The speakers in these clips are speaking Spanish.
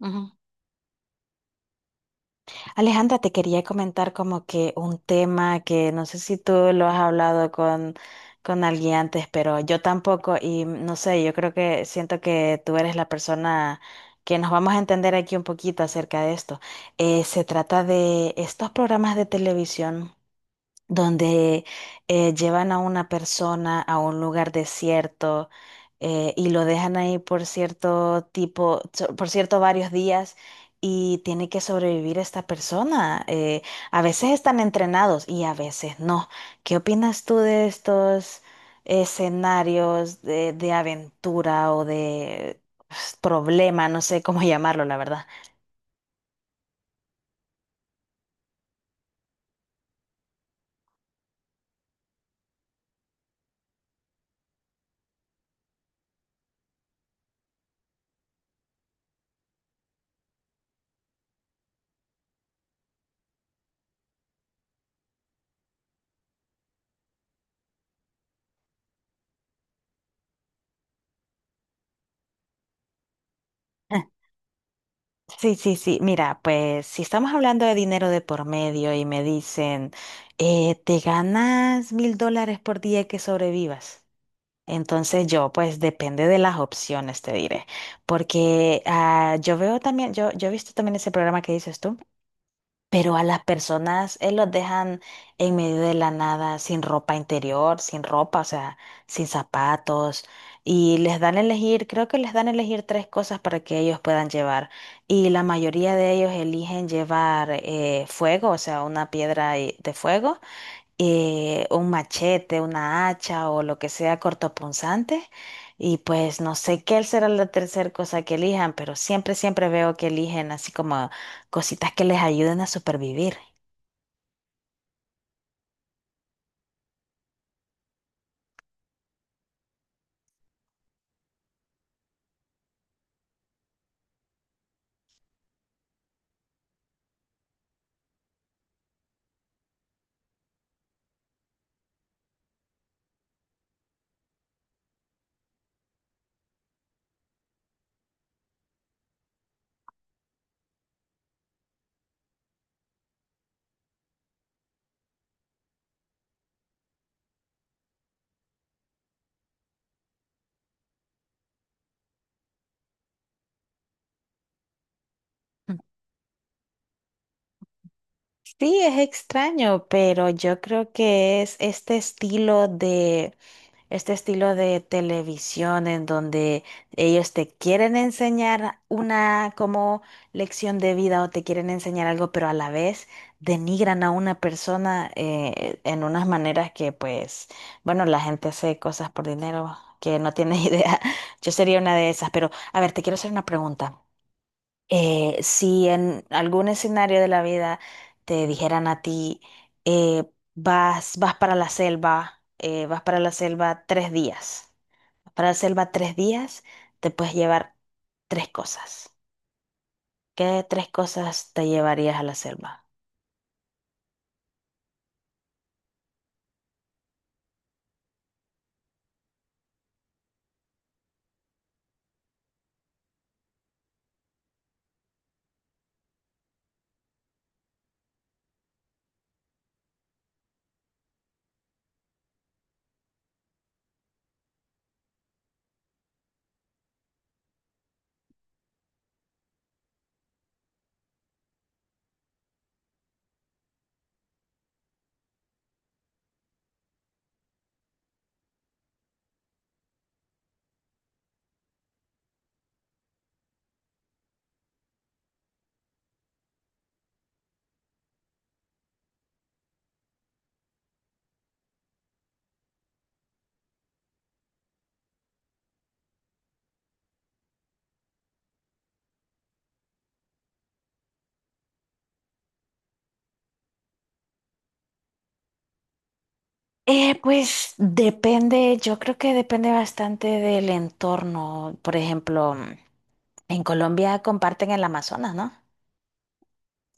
Ujú. Alejandra, te quería comentar como que un tema que no sé si tú lo has hablado con alguien antes, pero yo tampoco y no sé, yo creo que siento que tú eres la persona que nos vamos a entender aquí un poquito acerca de esto. Se trata de estos programas de televisión donde llevan a una persona a un lugar desierto y lo dejan ahí por cierto tipo, por cierto varios días y tiene que sobrevivir esta persona. A veces están entrenados y a veces no. ¿Qué opinas tú de estos escenarios de aventura o de pues, problema? No sé cómo llamarlo, la verdad. Sí, sí, sí. Mira, pues si estamos hablando de dinero de por medio y me dicen, te ganas $1000 por día que sobrevivas. Entonces yo, pues depende de las opciones, te diré. Porque yo veo también, yo he visto también ese programa que dices tú. Pero a las personas, los dejan en medio de la nada, sin ropa interior, sin ropa, o sea, sin zapatos. Y les dan a elegir, creo que les dan a elegir tres cosas para que ellos puedan llevar. Y la mayoría de ellos eligen llevar fuego, o sea, una de fuego un machete, una hacha o lo que sea cortopunzante. Y pues no sé qué será la tercera cosa que elijan, pero siempre, siempre veo que eligen así como cositas que les ayuden a supervivir. Sí, es extraño, pero yo creo que es este estilo de televisión en donde ellos te quieren enseñar una como lección de vida o te quieren enseñar algo, pero a la vez denigran a una persona en unas maneras que pues, bueno, la gente hace cosas por dinero que no tiene idea. Yo sería una de esas, pero a ver, te quiero hacer una pregunta. Si en algún escenario de la vida te dijeran a ti, eh, vas para la selva, vas para la selva tres días, te puedes llevar tres cosas. ¿Qué tres cosas te llevarías a la selva? Pues depende, yo creo que depende bastante del entorno. Por ejemplo, en Colombia comparten el Amazonas, ¿no?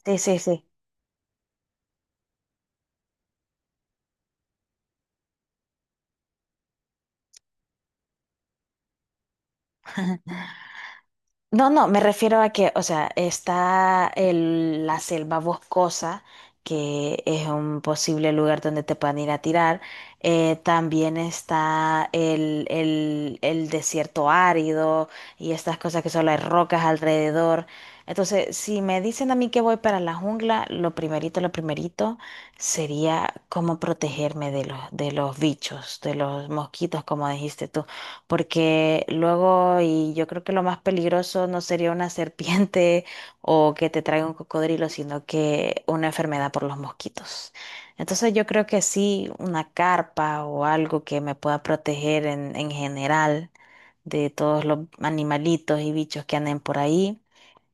Sí, sí, sí. No, no, me refiero a que, o sea, la selva boscosa, que es un posible lugar donde te puedan ir a tirar. También está el desierto árido y estas cosas que solo hay rocas alrededor. Entonces, si me dicen a mí que voy para la jungla, lo primerito sería cómo protegerme de de los bichos, de los mosquitos, como dijiste tú, porque luego, y yo creo que lo más peligroso no sería una serpiente o que te traiga un cocodrilo, sino que una enfermedad por los mosquitos. Entonces yo creo que sí, una carpa o algo que me pueda proteger en general de todos los animalitos y bichos que anden por ahí.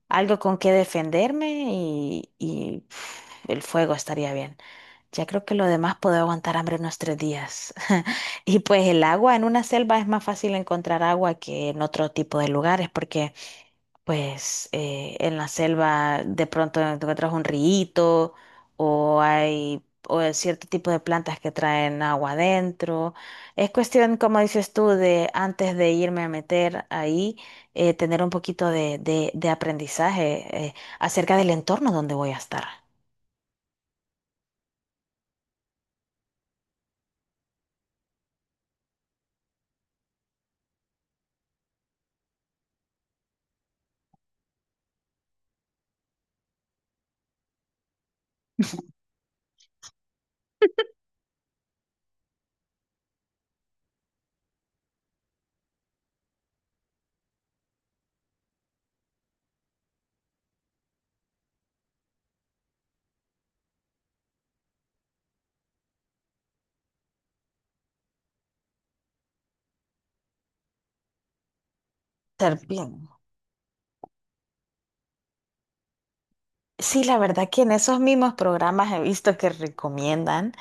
Algo con que defenderme y el fuego estaría bien. Ya creo que lo demás puede aguantar hambre unos tres días. Y pues el agua en una selva es más fácil encontrar agua que en otro tipo de lugares, porque pues en la selva de pronto encuentras un río o hay o hay cierto tipo de plantas que traen agua adentro. Es cuestión, como dices tú, de antes de irme a meter ahí, tener un poquito de aprendizaje acerca del entorno donde voy a estar. Ser bien. Sí, la verdad que en esos mismos programas he visto que recomiendan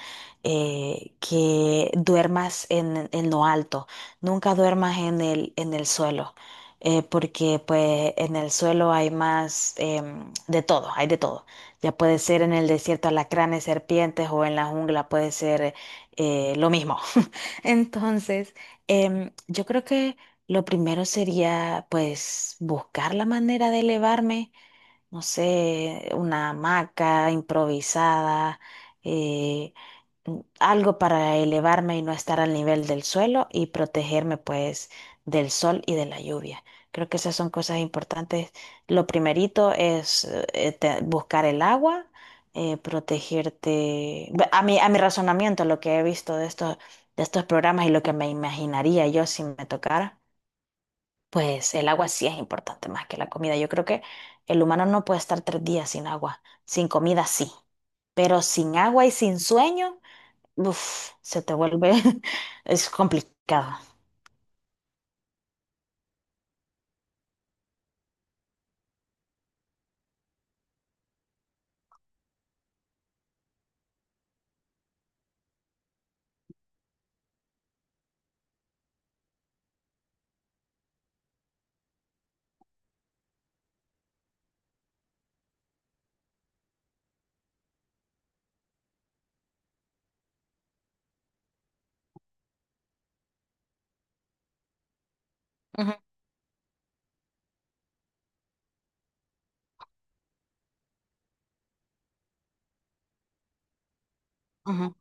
que duermas en lo alto, nunca duermas en en el suelo, porque pues en el suelo hay más de todo, hay de todo. Ya puede ser en el desierto alacranes, serpientes o en la jungla puede ser lo mismo. Entonces, yo creo que lo primero sería pues buscar la manera de elevarme, no sé, una hamaca improvisada, eh, algo para elevarme y no estar al nivel del suelo y protegerme pues del sol y de la lluvia. Creo que esas son cosas importantes. Lo primerito es buscar el agua, protegerte. A mi razonamiento, lo que he visto de estos programas y lo que me imaginaría yo si me tocara. Pues el agua sí es importante más que la comida. Yo creo que el humano no puede estar tres días sin agua. Sin comida sí. Pero sin agua y sin sueño, uf, es complicado. Ujú, ujú.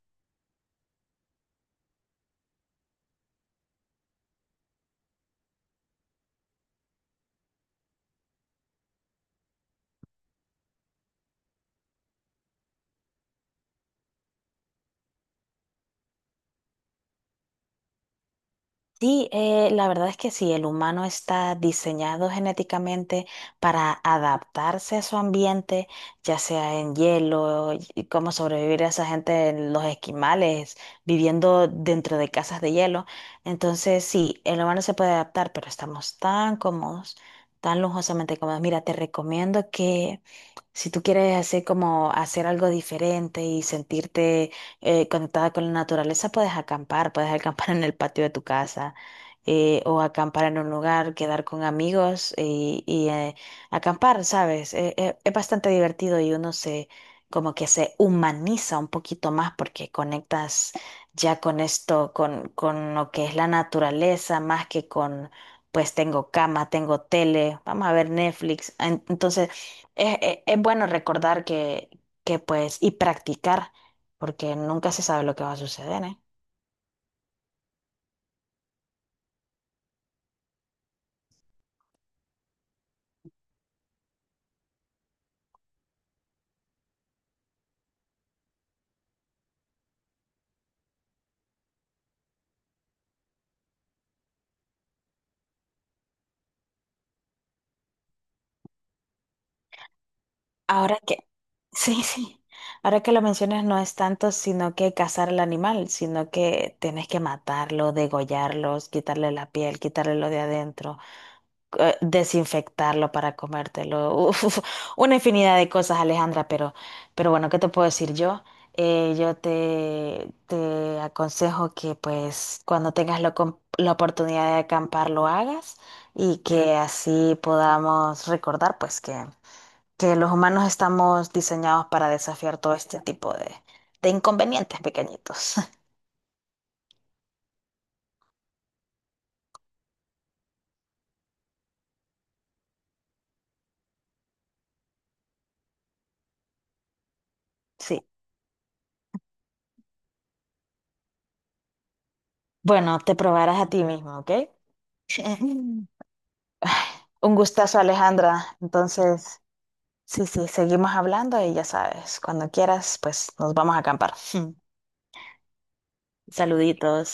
Sí, la verdad es que sí, el humano está diseñado genéticamente para adaptarse a su ambiente, ya sea en hielo, y cómo sobrevivir a esa gente en los esquimales, viviendo dentro de casas de hielo. Entonces, sí, el humano se puede adaptar, pero estamos tan cómodos, tan lujosamente cómodos. Mira, te recomiendo que si tú quieres hacer algo diferente y sentirte conectada con la naturaleza, puedes acampar en el patio de tu casa, o acampar en un lugar, quedar con amigos y acampar, ¿sabes? Es bastante divertido y uno se, como que se humaniza un poquito más porque conectas ya con esto, con lo que es la naturaleza, más que con, pues tengo cama, tengo tele, vamos a ver Netflix. Entonces es bueno recordar que pues, y practicar, porque nunca se sabe lo que va a suceder, ¿eh? Ahora que, sí, sí, ahora que lo mencionas, no es tanto sino que cazar al animal, sino que tienes que matarlo, degollarlos, quitarle la piel, quitarle lo de adentro, desinfectarlo para comértelo. Uf, una infinidad de cosas, Alejandra, pero bueno, ¿qué te puedo decir yo? Yo te aconsejo que pues cuando tengas la oportunidad de acampar lo hagas y que así podamos recordar pues que los humanos estamos diseñados para desafiar todo este tipo de inconvenientes pequeñitos. Sí. Bueno, te probarás a ti mismo, ¿ok? Un gustazo, Alejandra. Entonces, sí, sí, seguimos hablando y ya sabes, cuando quieras, pues nos vamos a acampar. Saluditos.